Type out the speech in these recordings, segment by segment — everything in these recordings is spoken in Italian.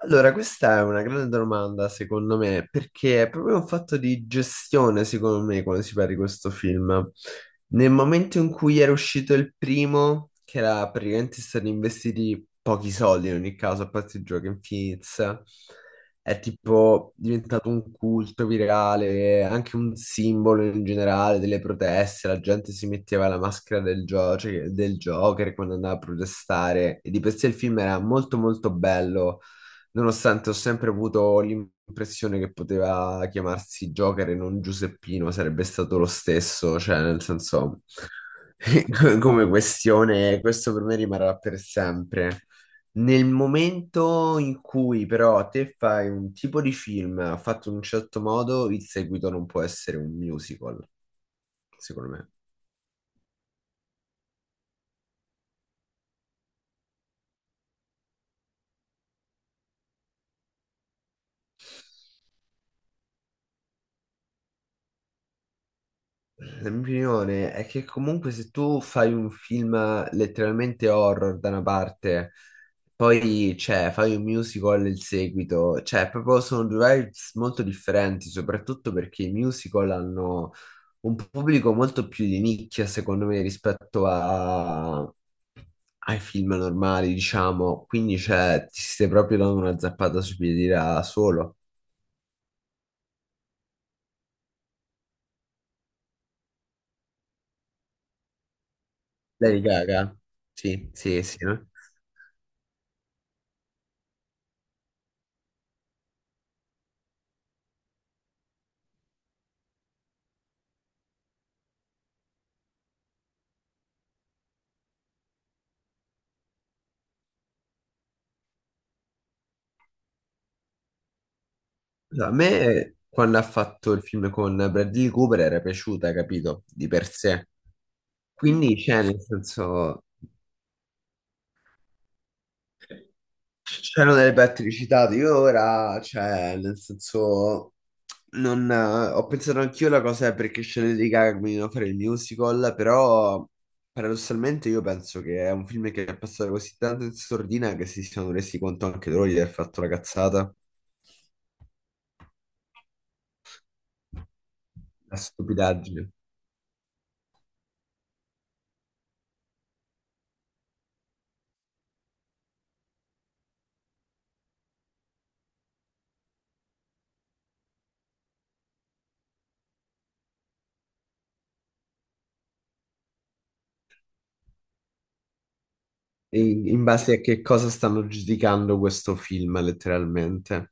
Allora, questa è una grande domanda, secondo me, perché è proprio un fatto di gestione, secondo me, quando si parla di questo film. Nel momento in cui era uscito il primo, che era praticamente stati investiti pochi soldi in ogni caso, a parte il gioco Infinite, è tipo diventato un culto virale, anche un simbolo in generale delle proteste. La gente si metteva la maschera del, cioè del Joker quando andava a protestare. E di per sé il film era molto molto bello. Nonostante ho sempre avuto l'impressione che poteva chiamarsi Joker e non Giuseppino, sarebbe stato lo stesso, cioè nel senso, come questione, questo per me rimarrà per sempre. Nel momento in cui però te fai un tipo di film fatto in un certo modo, il seguito non può essere un musical, secondo me. La mia opinione è che comunque se tu fai un film letteralmente horror da una parte, poi cioè, fai un musical il seguito, cioè proprio sono due vibes molto differenti, soprattutto perché i musical hanno un pubblico molto più di nicchia, secondo me, rispetto a- ai film normali, diciamo, quindi cioè, ti stai proprio dando una zappata sui piedi da solo. Lady Gaga? Sì, sì, sì, no? No, a me quando ha fatto il film con Bradley Cooper era piaciuta, capito? Di per sé. Quindi, cioè, nel senso, c'erano delle battute citate. Io ora, cioè, nel senso, non, ho pensato anch'io la cosa perché Shannon di Gaga che mi doveva fare il musical, però paradossalmente io penso che è un film che è passato così tanto in sordina che si sono resi conto anche loro di aver fatto la cazzata, la stupidaggine. In base a che cosa stanno giudicando questo film, letteralmente.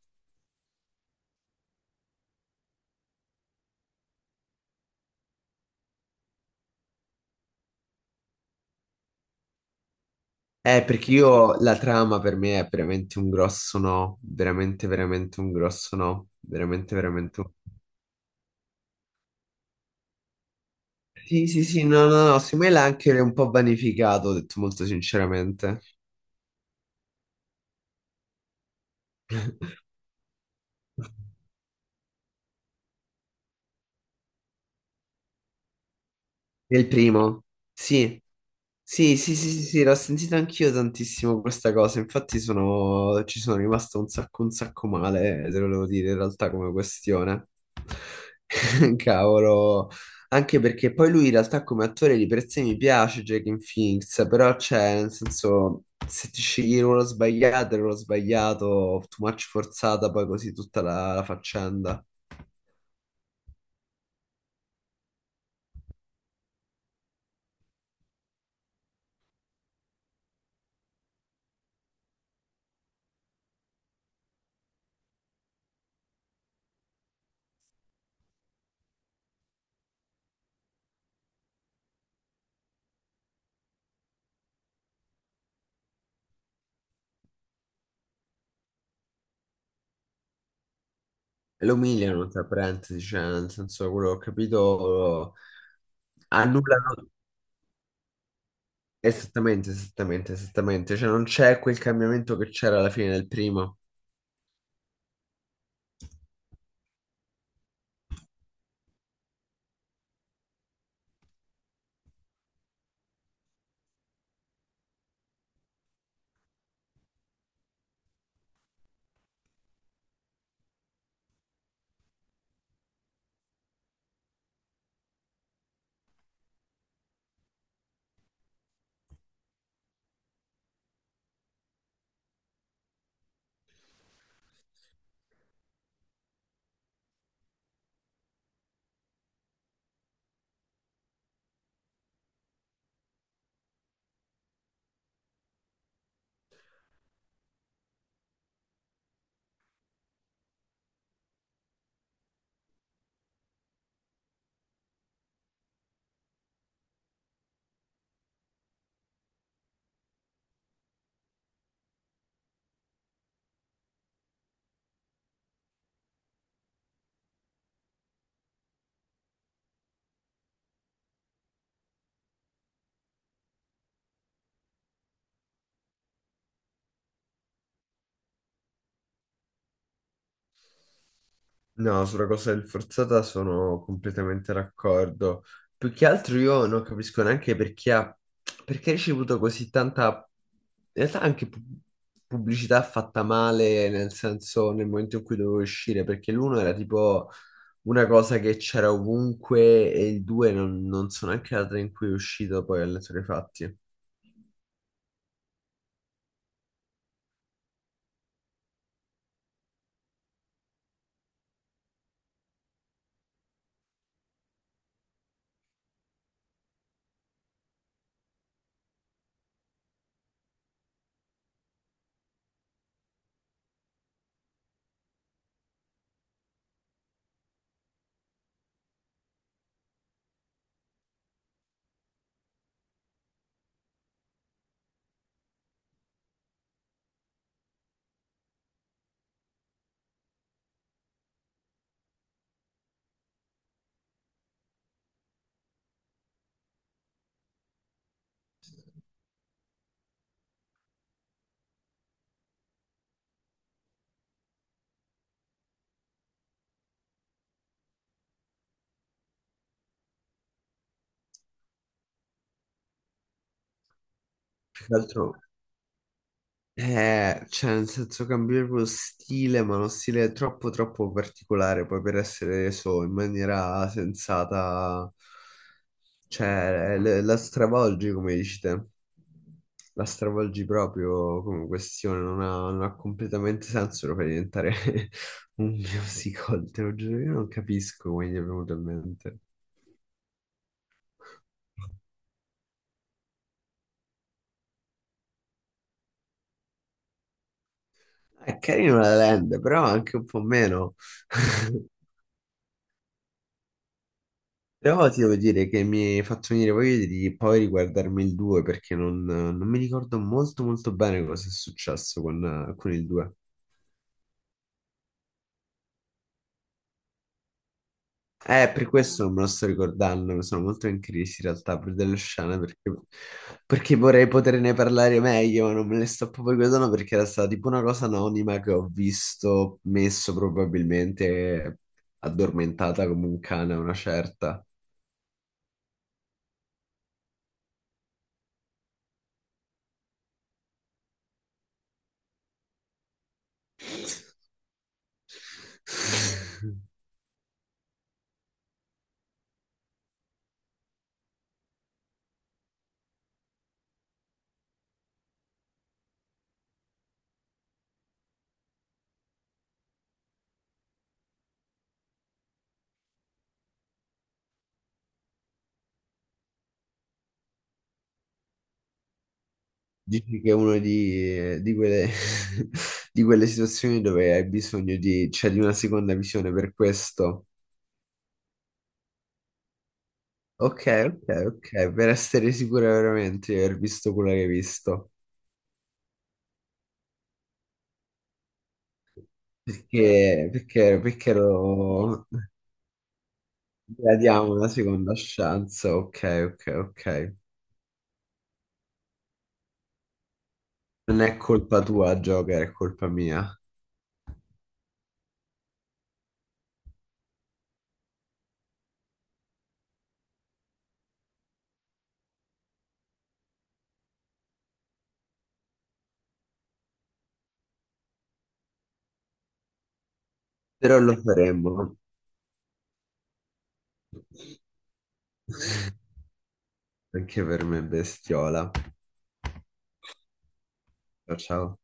Perché io la trama per me è veramente un grosso no, veramente, veramente un grosso no, veramente, veramente un... Sì, sì, sì, no, no, no, secondo me l'ha anche un po' vanificato, ho detto molto sinceramente. Nel primo, sì, sì, sì, sì, sì, sì, l'ho sentita anch'io tantissimo questa cosa, infatti ci sono rimasto un sacco male, te lo devo dire in realtà come questione. Cavolo, anche perché poi lui in realtà come attore di per sé mi piace, Joaquin Phoenix, però c'è, nel senso, se ti scegli il ruolo sbagliato, too much forzata, poi così tutta la faccenda. Lo umiliano, tra parentesi, cioè, nel senso, quello che ho capito, annullano esattamente, esattamente, esattamente, cioè non c'è quel cambiamento che c'era alla fine del primo. No, sulla cosa del forzata sono completamente d'accordo. Più che altro io non capisco neanche perché ha ricevuto così tanta, in realtà anche pubblicità fatta male, nel senso nel momento in cui dovevo uscire, perché l'uno era tipo una cosa che c'era ovunque e il due non so neanche la data in cui è uscito poi alle fatti. Più che altro... Cioè, nel senso cambiare lo stile, ma uno stile troppo troppo particolare poi per essere reso in maniera sensata, cioè la stravolgi come dici te, la stravolgi proprio come questione, non ha completamente senso, lo fai diventare un musical, te lo giuro, io non capisco come gli è venuto in mente. È carino la Land, però anche un po' meno. Però ti devo dire che mi hai fatto venire voglia di poi riguardarmi il 2 perché non mi ricordo molto molto bene cosa è successo con il 2. Per questo non me lo sto ricordando, sono molto in crisi in realtà per delle scene perché vorrei poterne parlare meglio, ma non me le sto proprio ricordando perché era stata tipo una cosa anonima che ho visto messo probabilmente addormentata come un cane a una certa. Dici che è una di quelle, di quelle situazioni dove hai bisogno di, cioè, di una seconda visione per questo. Ok, ok, ok, per essere sicura veramente di aver visto quello che hai visto. Perché lo la diamo una seconda chance. Ok, ok, ok. Non è colpa tua, Joker, è colpa mia. Però lo faremo anche per me, bestiola. Ciao, ciao.